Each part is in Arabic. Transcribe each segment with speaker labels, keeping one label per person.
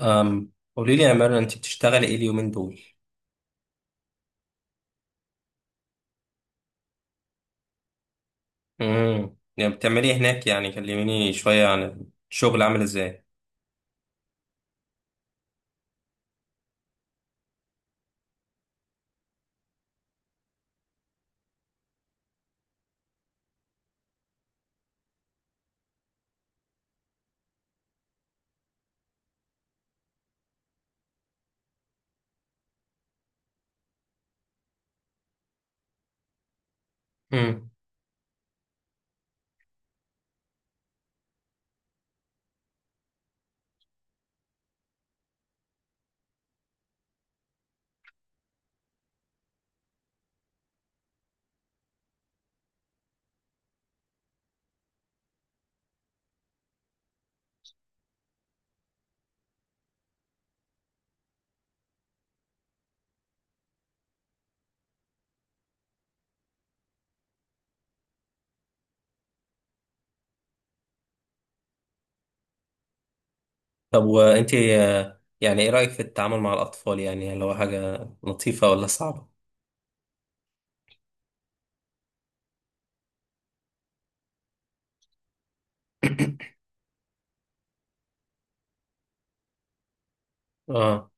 Speaker 1: قولي لي يا مرة، انت بتشتغلي ايه اليومين دول؟ يعني بتعملي ايه هناك؟ يعني كلميني شوية عن الشغل عامل ازاي. امم. طب وانت، يعني ايه رأيك في التعامل مع الأطفال؟ يعني هل هو حاجة لطيفة ولا صعبة؟ اه.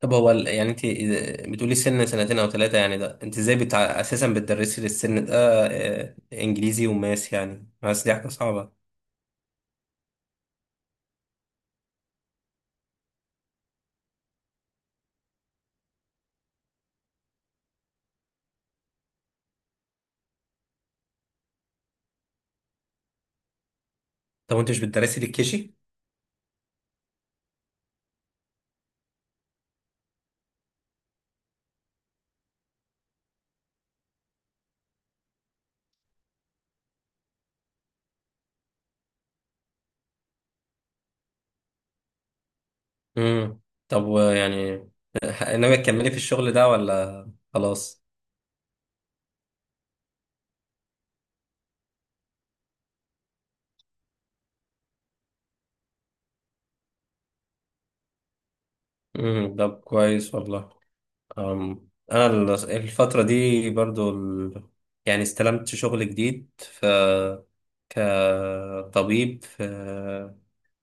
Speaker 1: طب هو يعني انت، بتقولي سن سنتين او ثلاثة، يعني ده انت ازاي اساسا بتدرسي للسن ده انجليزي وماس؟ يعني ماس دي حاجة صعبة. طب وانت مش بتدرسي للكيجي؟ امم. طب ويعني ناوي تكملي في الشغل ده ولا خلاص؟ امم، ده كويس والله. انا الفترة دي برضو يعني استلمت شغل جديد، ف كطبيب في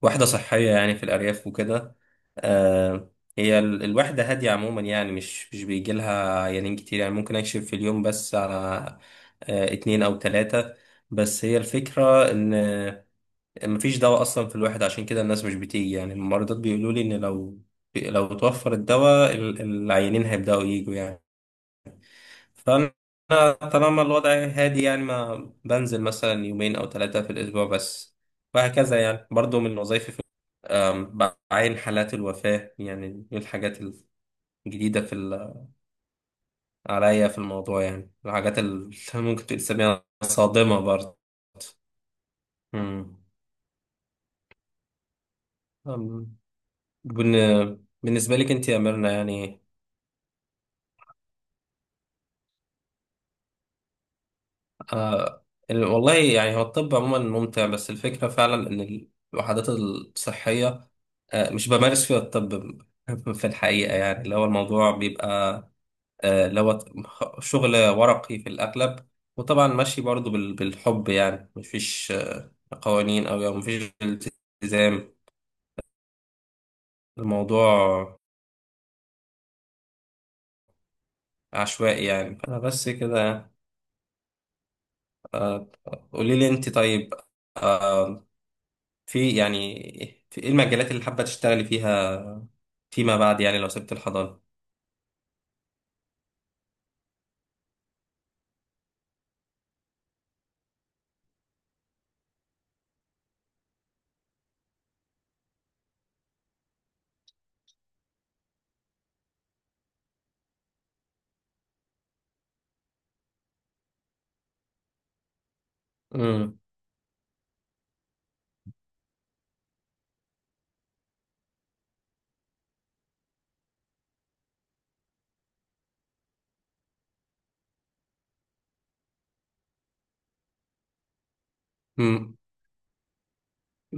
Speaker 1: وحدة صحية، يعني في الأرياف وكده. أه، هي الوحدة هادية عموما، يعني مش بيجي لها عيانين كتير. يعني ممكن أكشف في اليوم بس على اتنين أو تلاتة. بس هي الفكرة إن مفيش دواء اصلا في الواحد، عشان كده الناس مش بتيجي. يعني الممرضات بيقولوا لي ان لو، توفر الدواء العيانين هيبداوا يجوا يعني. فانا طالما الوضع هادي، يعني ما بنزل مثلا يومين او ثلاثة في الاسبوع بس. وهكذا يعني برضو من وظائفي في أم، بعين حالات الوفاة. يعني دي الحاجات الجديدة في عليا في الموضوع، يعني الحاجات اللي ممكن تسميها صادمة برضه. أمم. أم، بالنسبة لك انت يا ميرنا يعني. آه والله يعني، هو الطب عموما ممتع، بس الفكرة فعلا إن الوحدات الصحية مش بمارس فيها الطب في الحقيقة، يعني اللي هو الموضوع بيبقى اللي هو شغل ورقي في الأغلب. وطبعا ماشي برضو بالحب، يعني مفيش قوانين، أو يعني مفيش التزام. الموضوع عشوائي، يعني أنا بس كده. آه قولي لي أنت طيب، آه، في يعني في ايه المجالات اللي حابة تشتغلي فيها فيما بعد؟ يعني لو سبت الحضانة. امم. امم.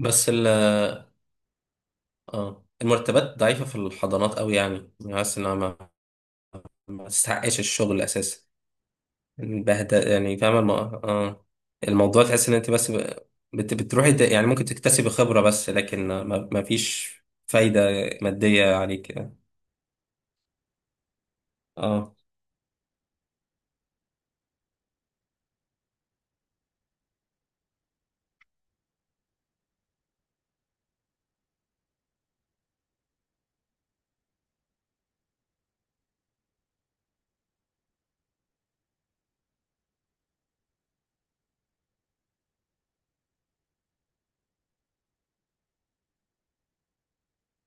Speaker 1: بس اه المرتبات ضعيفة في الحضانات قوي، يعني حاسس انها ما ما تستحقش الشغل اساسا. بهدى يعني، فاهمة الموضوع، تحس ان انت بس بتروحي يعني ممكن تكتسبي خبرة، بس لكن ما فيش فايدة مادية عليك يعني. اه،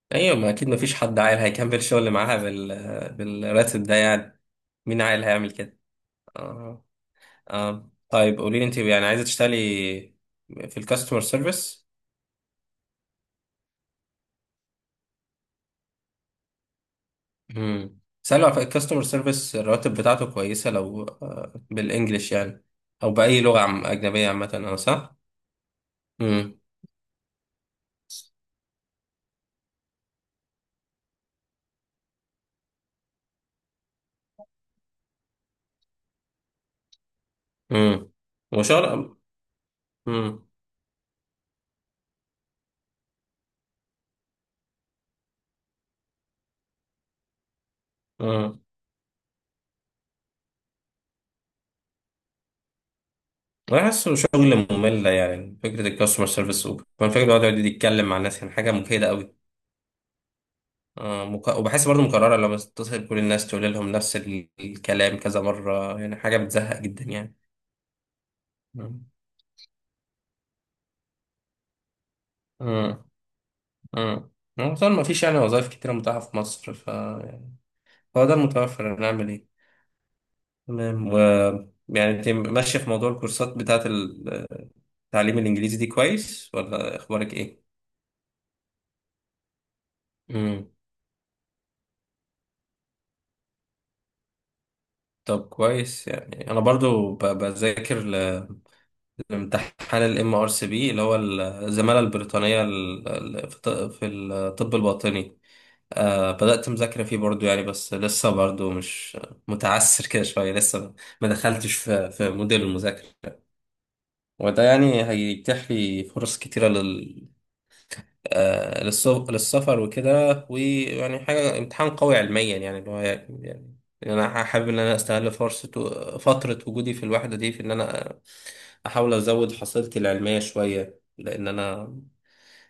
Speaker 1: ايوه ما، اكيد ما فيش حد عاقل هيكمل شغل معاها بالراتب ده يعني. مين عاقل هيعمل كده؟ آه. آه. طيب قولي لي انت، يعني عايزه تشتغلي في الكاستمر سيرفيس؟ امم. سألوا على الكاستمر سيرفيس، الرواتب بتاعته كويسه لو بالانجلش يعني، او باي لغه اجنبيه عامه، انا صح؟ امم. امم، وشغل. امم. امم، بحسه شغل ممل، يعني فكره الكاستمر سيرفيس. وكمان فكره الواحد يقعد يتكلم مع الناس، يعني حاجه مجهده قوي. وبحس برضه مكرره، لما تتصل كل الناس تقول لهم نفس الكلام كذا مره، يعني حاجه بتزهق جدا يعني. امم. امم. طبعا ما فيش يعني وظائف كتيرة متاحة في مصر، ف يعني هو ده المتوفر، هنعمل ايه؟ تمام. و يعني انت ماشية في موضوع الكورسات بتاعة التعليم الإنجليزي دي، كويس ولا أخبارك ايه؟ امم. طب كويس. يعني أنا برضو بذاكر لامتحان ال MRCB، اللي هو الزمالة البريطانية في في الطب الباطني. بدأت مذاكرة فيه برضو يعني، بس لسه برضو مش متعسر كده شوية لسه، ما دخلتش في موديل المذاكرة. وده يعني هيتيح لي فرص كتيرة لل للسفر وكده. ويعني حاجة امتحان قوي علميا، يعني اللي هو يعني. يعني أنا حابب إن أنا أستغل فرصة فترة وجودي في الوحدة دي في إن أنا أحاول أزود حصيلتي العلمية شوية، لأن أنا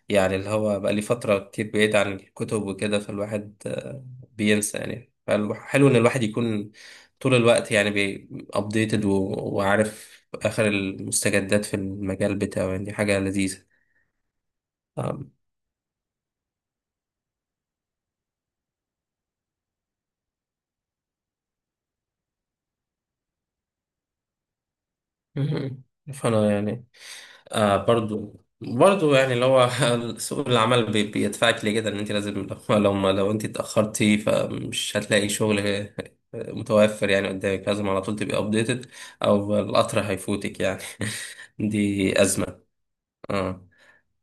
Speaker 1: يعني اللي هو بقى لي فترة كتير بعيد عن الكتب وكده. فالواحد بينسى يعني. فحلو إن الواحد يكون طول الوقت يعني أبديتد، وعارف آخر المستجدات في المجال بتاعه، يعني دي حاجة لذيذة. آم، مهم. فأنا يعني برضو، يعني اللي هو سوق العمل بيدفعك لكده، ان انت لازم. لو لو انت اتاخرتي، فمش هتلاقي شغل متوفر يعني قدامك. لازم على طول تبقي ابديتد، او القطر هيفوتك يعني دي ازمه. اه.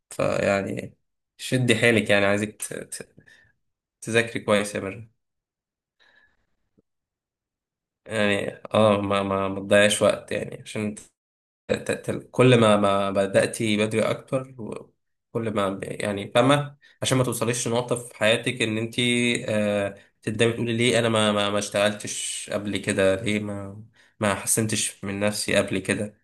Speaker 1: فيعني شدي حيلك يعني، عايزك تذاكري كويس يا مرة. يعني اه، ما تضيعش وقت، يعني عشان كل ما بدأتي بدري أكتر، كل ما يعني فاهمة، عشان ما توصليش لنقطة في حياتك إن أنت آه تبدأي تقولي ليه أنا ما اشتغلتش قبل كده، ليه ما حسنتش من نفسي قبل كده.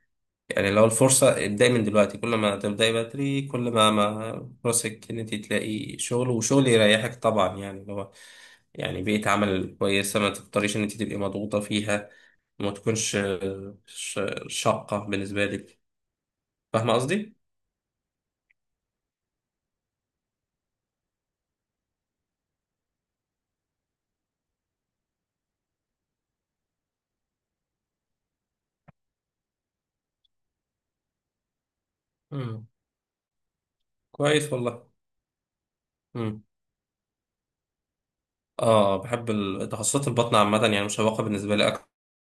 Speaker 1: يعني لو الفرصة، ابدأي من دلوقتي. كل ما تبدأي بدري كل ما ما فرصك إن أنت تلاقي شغل، وشغل يريحك طبعا يعني اللي هو يعني بيئة عمل كويسة، ما تضطريش إن أنت تبقي مضغوطة فيها، ما تكونش شاقة بالنسبة لك. فاهمة قصدي؟ امم، كويس والله. امم. اه، بحب تخصصات البطن عامة، يعني مشوقة بالنسبة لي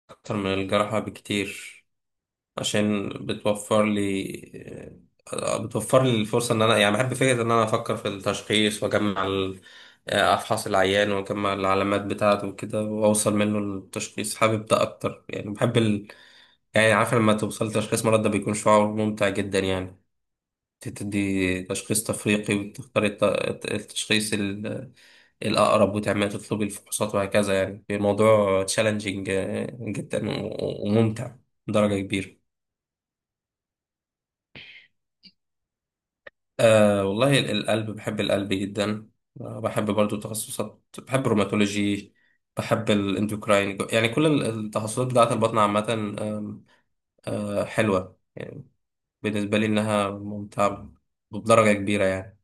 Speaker 1: أكتر من الجراحة بكتير. عشان بتوفر لي الفرصة، إن أنا يعني بحب فكرة إن أنا أفكر في التشخيص وأجمع أفحص العيان وأجمع العلامات بتاعته وكده وأوصل منه للتشخيص. حابب ده أكتر، يعني بحب يعني عارف، لما توصل لتشخيص مرض ده بيكون شعور ممتع جدا يعني. تدي تشخيص تفريقي وتختاري التشخيص الأقرب، وتعملي تطلبي الفحوصات وهكذا. يعني الموضوع تشالنجينج جدا وممتع بدرجة كبيرة. والله القلب، بحب القلب جدا. بحب برضو تخصصات، بحب الروماتولوجي، بحب الاندوكراين، يعني كل التخصصات بتاعة البطن عامة. آم، حلوة يعني بالنسبة لي، إنها ممتعة بدرجة كبيرة يعني.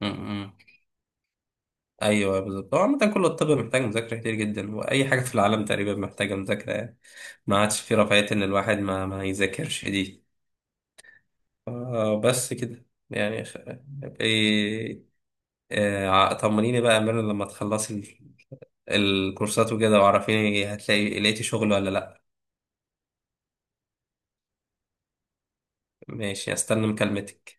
Speaker 1: م- م. ايوه بالظبط، هو عامة كل الطب محتاج مذاكرة كتير جدا، واي حاجة في العالم تقريبا محتاجة مذاكرة يعني. ما عادش في رفاهية ان الواحد ما ما يذاكرش دي. بس كده يعني إيه... طمنيني بقى يا مرن، لما تخلصي الكورسات وكده، وعرفيني هتلاقي، لقيتي شغل ولا لا. ماشي، استنى مكالمتك.